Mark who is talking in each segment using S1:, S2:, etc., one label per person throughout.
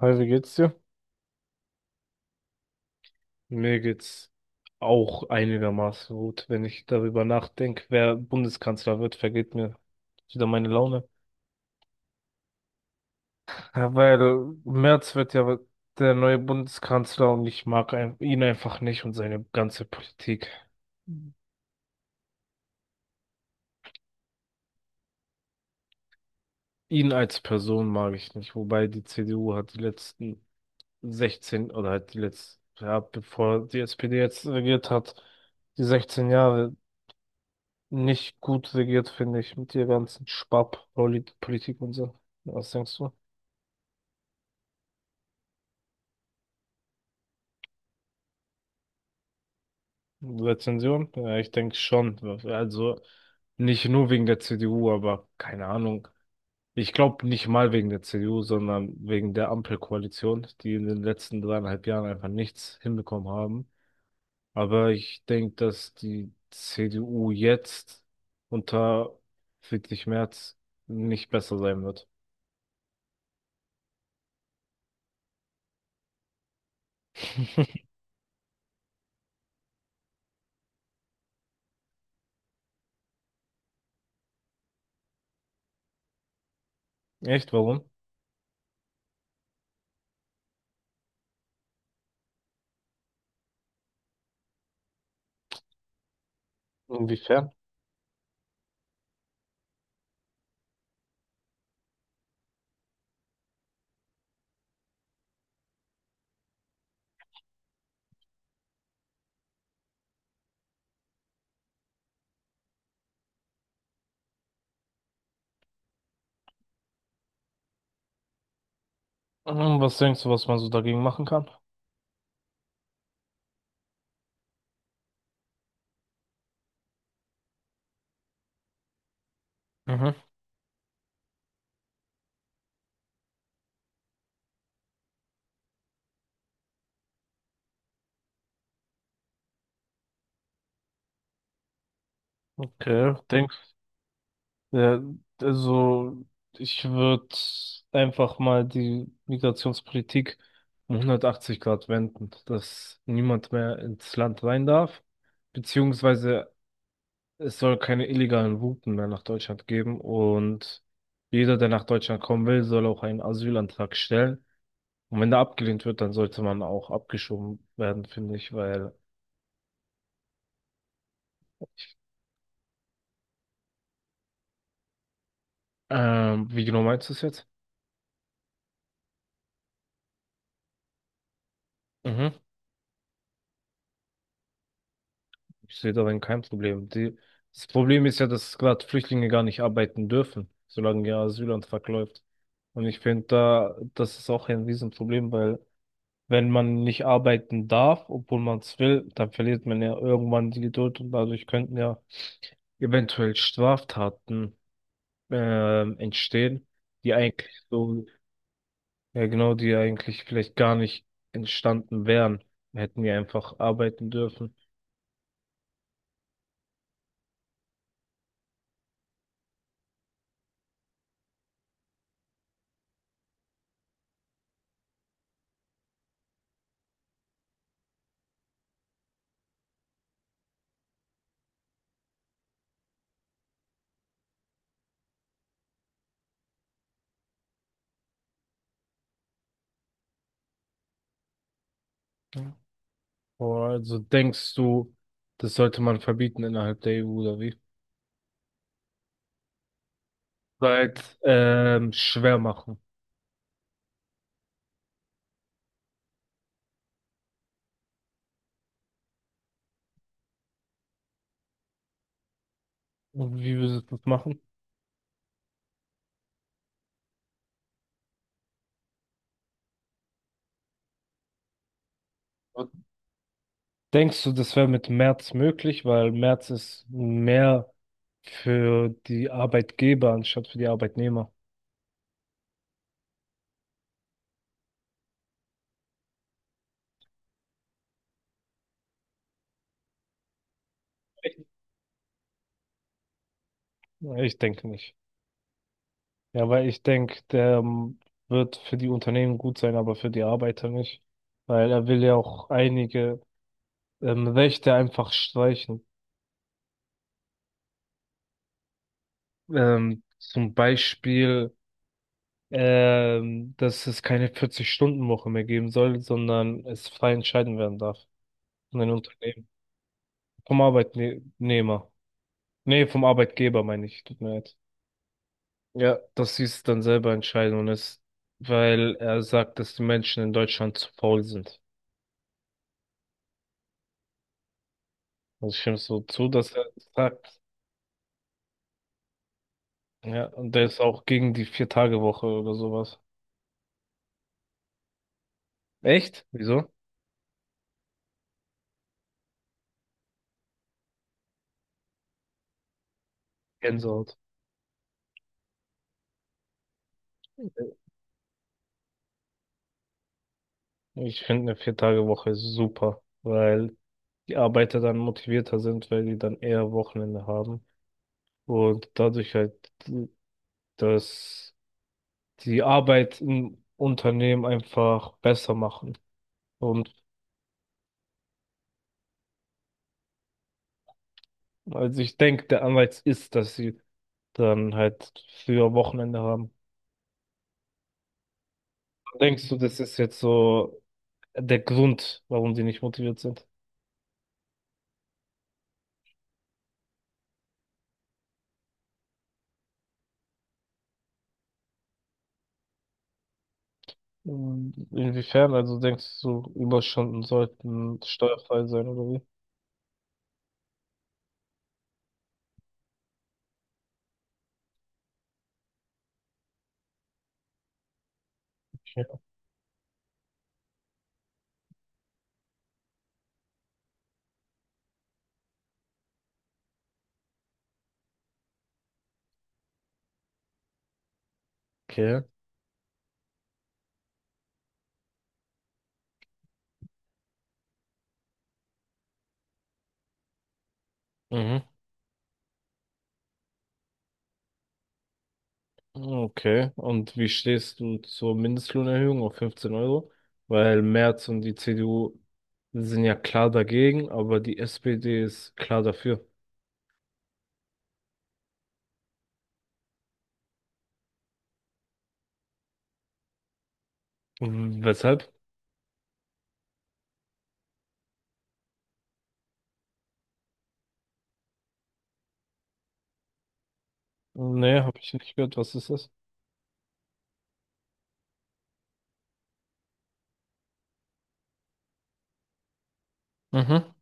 S1: Hi, wie geht's dir? Mir geht's auch einigermaßen gut. Wenn ich darüber nachdenke, wer Bundeskanzler wird, vergeht mir wieder meine Laune. Ja, weil Merz wird ja der neue Bundeskanzler und ich mag ihn einfach nicht und seine ganze Politik. Ihn als Person mag ich nicht, wobei die CDU hat die letzten 16 oder halt die letzten, ja, bevor die SPD jetzt regiert hat, die 16 Jahre nicht gut regiert, finde ich, mit der ganzen Sparpolitik und so. Was denkst du? Rezension? Ja, ich denke schon. Also nicht nur wegen der CDU, aber keine Ahnung. Ich glaube nicht mal wegen der CDU, sondern wegen der Ampelkoalition, die in den letzten dreieinhalb Jahren einfach nichts hinbekommen haben. Aber ich denke, dass die CDU jetzt unter Friedrich Merz nicht besser sein wird. Echt? Warum? Inwiefern? Hm, was denkst du, was man so dagegen machen kann? Mhm. Okay, denkst ja, also ich würde einfach mal die Migrationspolitik um 180 Grad wenden, dass niemand mehr ins Land rein darf, beziehungsweise es soll keine illegalen Routen mehr nach Deutschland geben und jeder, der nach Deutschland kommen will, soll auch einen Asylantrag stellen. Und wenn der abgelehnt wird, dann sollte man auch abgeschoben werden, finde ich, weil, wie genau meinst du es jetzt? Ich sehe darin kein Problem. Die, das Problem ist ja, dass gerade Flüchtlinge gar nicht arbeiten dürfen, solange ihr Asylantrag läuft. Und ich finde da, das ist auch ein Riesenproblem, weil wenn man nicht arbeiten darf, obwohl man es will, dann verliert man ja irgendwann die Geduld und dadurch könnten ja eventuell Straftaten entstehen, die eigentlich so, ja genau, die eigentlich vielleicht gar nicht entstanden wären, hätten wir einfach arbeiten dürfen. Also denkst du, das sollte man verbieten innerhalb der EU oder wie? Seit schwer machen. Und wie würdest du das machen? Und denkst du, das wäre mit März möglich, weil März ist mehr für die Arbeitgeber anstatt für die Arbeitnehmer? Ich denke nicht. Ja, weil ich denke, der wird für die Unternehmen gut sein, aber für die Arbeiter nicht. Weil er will ja auch einige Rechte einfach streichen. Zum Beispiel dass es keine 40-Stunden-Woche mehr geben soll, sondern es frei entscheiden werden darf von den Unternehmen. Vom Arbeitnehmer. Nee, vom Arbeitgeber meine ich, tut mir leid. Ja, dass sie es dann selber entscheiden und es, weil er sagt, dass die Menschen in Deutschland zu faul sind. Also ich stimme so zu, dass er das sagt. Ja, und der ist auch gegen die Vier-Tage-Woche oder sowas. Echt? Wieso? Gänsehaut. Ich finde eine Vier-Tage-Woche super, weil die Arbeiter dann motivierter sind, weil die dann eher Wochenende haben und dadurch halt, dass die Arbeit im Unternehmen einfach besser machen. Und also ich denke, der Anreiz ist, dass sie dann halt früher Wochenende haben. Denkst du, das ist jetzt so der Grund, warum die nicht motiviert sind? Inwiefern? Also denkst du, Überstunden sollten steuerfrei sein oder wie? Okay. Mhm. Okay, und wie stehst du zur Mindestlohnerhöhung auf 15 Euro? Weil Merz und die CDU sind ja klar dagegen, aber die SPD ist klar dafür. W- Weshalb? Nee, habe ich nicht gehört. Was ist das? Mhm.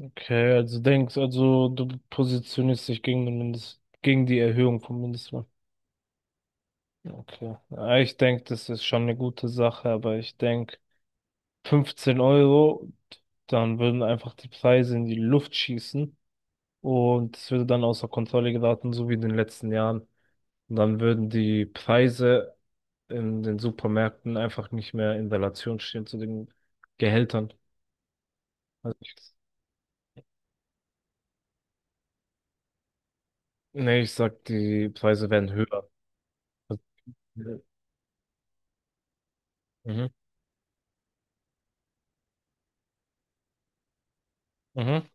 S1: Okay, also denkst, also du positionierst dich gegen den Mindest, gegen die Erhöhung vom Mindestlohn. Okay. Ja, ich denke, das ist schon eine gute Sache, aber ich denke, 15 Euro, dann würden einfach die Preise in die Luft schießen. Und es würde dann außer Kontrolle geraten, so wie in den letzten Jahren. Und dann würden die Preise in den Supermärkten einfach nicht mehr in Relation stehen zu den Gehältern. Also ich, nee, ich sag, die Preise werden höher. Also, mhm. Mhm.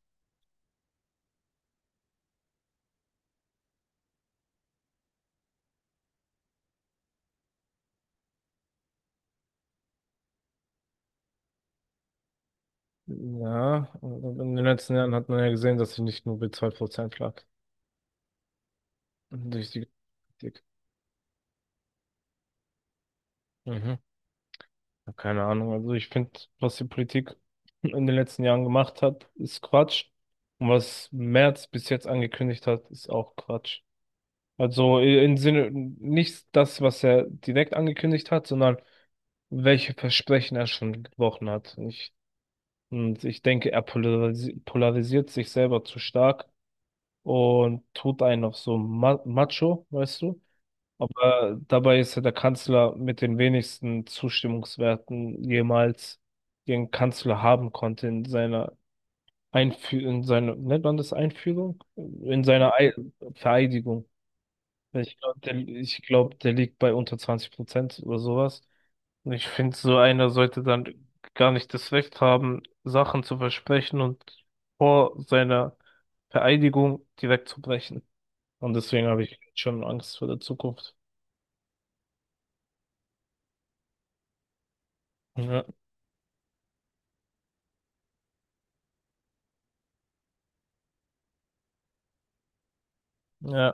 S1: Ja, und in den letzten Jahren hat man ja gesehen, dass sie nicht nur bei 2% lag. Durch die Politik. Mhm. Ja, keine Ahnung. Also ich finde, was die Politik in den letzten Jahren gemacht hat, ist Quatsch. Und was Merz bis jetzt angekündigt hat, ist auch Quatsch. Also im Sinne, nicht das, was er direkt angekündigt hat, sondern welche Versprechen er schon gebrochen hat. Ich, und ich denke, er polarisiert sich selber zu stark und tut einen auf so Ma Macho, weißt du? Aber dabei ist ja der Kanzler mit den wenigsten Zustimmungswerten jemals den Kanzler haben konnte in seiner Einführung, in seiner, nennt man das Einführung? In seiner Ei Vereidigung. Ich glaube, der, der liegt bei unter 20% oder sowas. Und ich finde, so einer sollte dann gar nicht das Recht haben, Sachen zu versprechen und vor seiner Vereidigung direkt zu brechen. Und deswegen habe ich schon Angst vor der Zukunft. Ja, ja.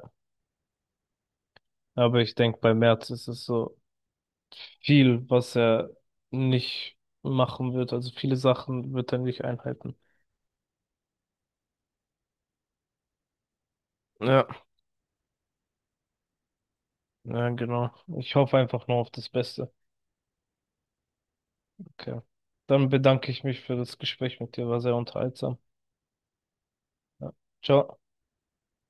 S1: Aber ich denke, bei Merz ist es so viel, was er nicht machen wird. Also viele Sachen wird er nicht einhalten. Ja, ja, genau. Ich hoffe einfach nur auf das Beste. Okay. Dann bedanke ich mich für das Gespräch mit dir. War sehr unterhaltsam. Ja. Ciao.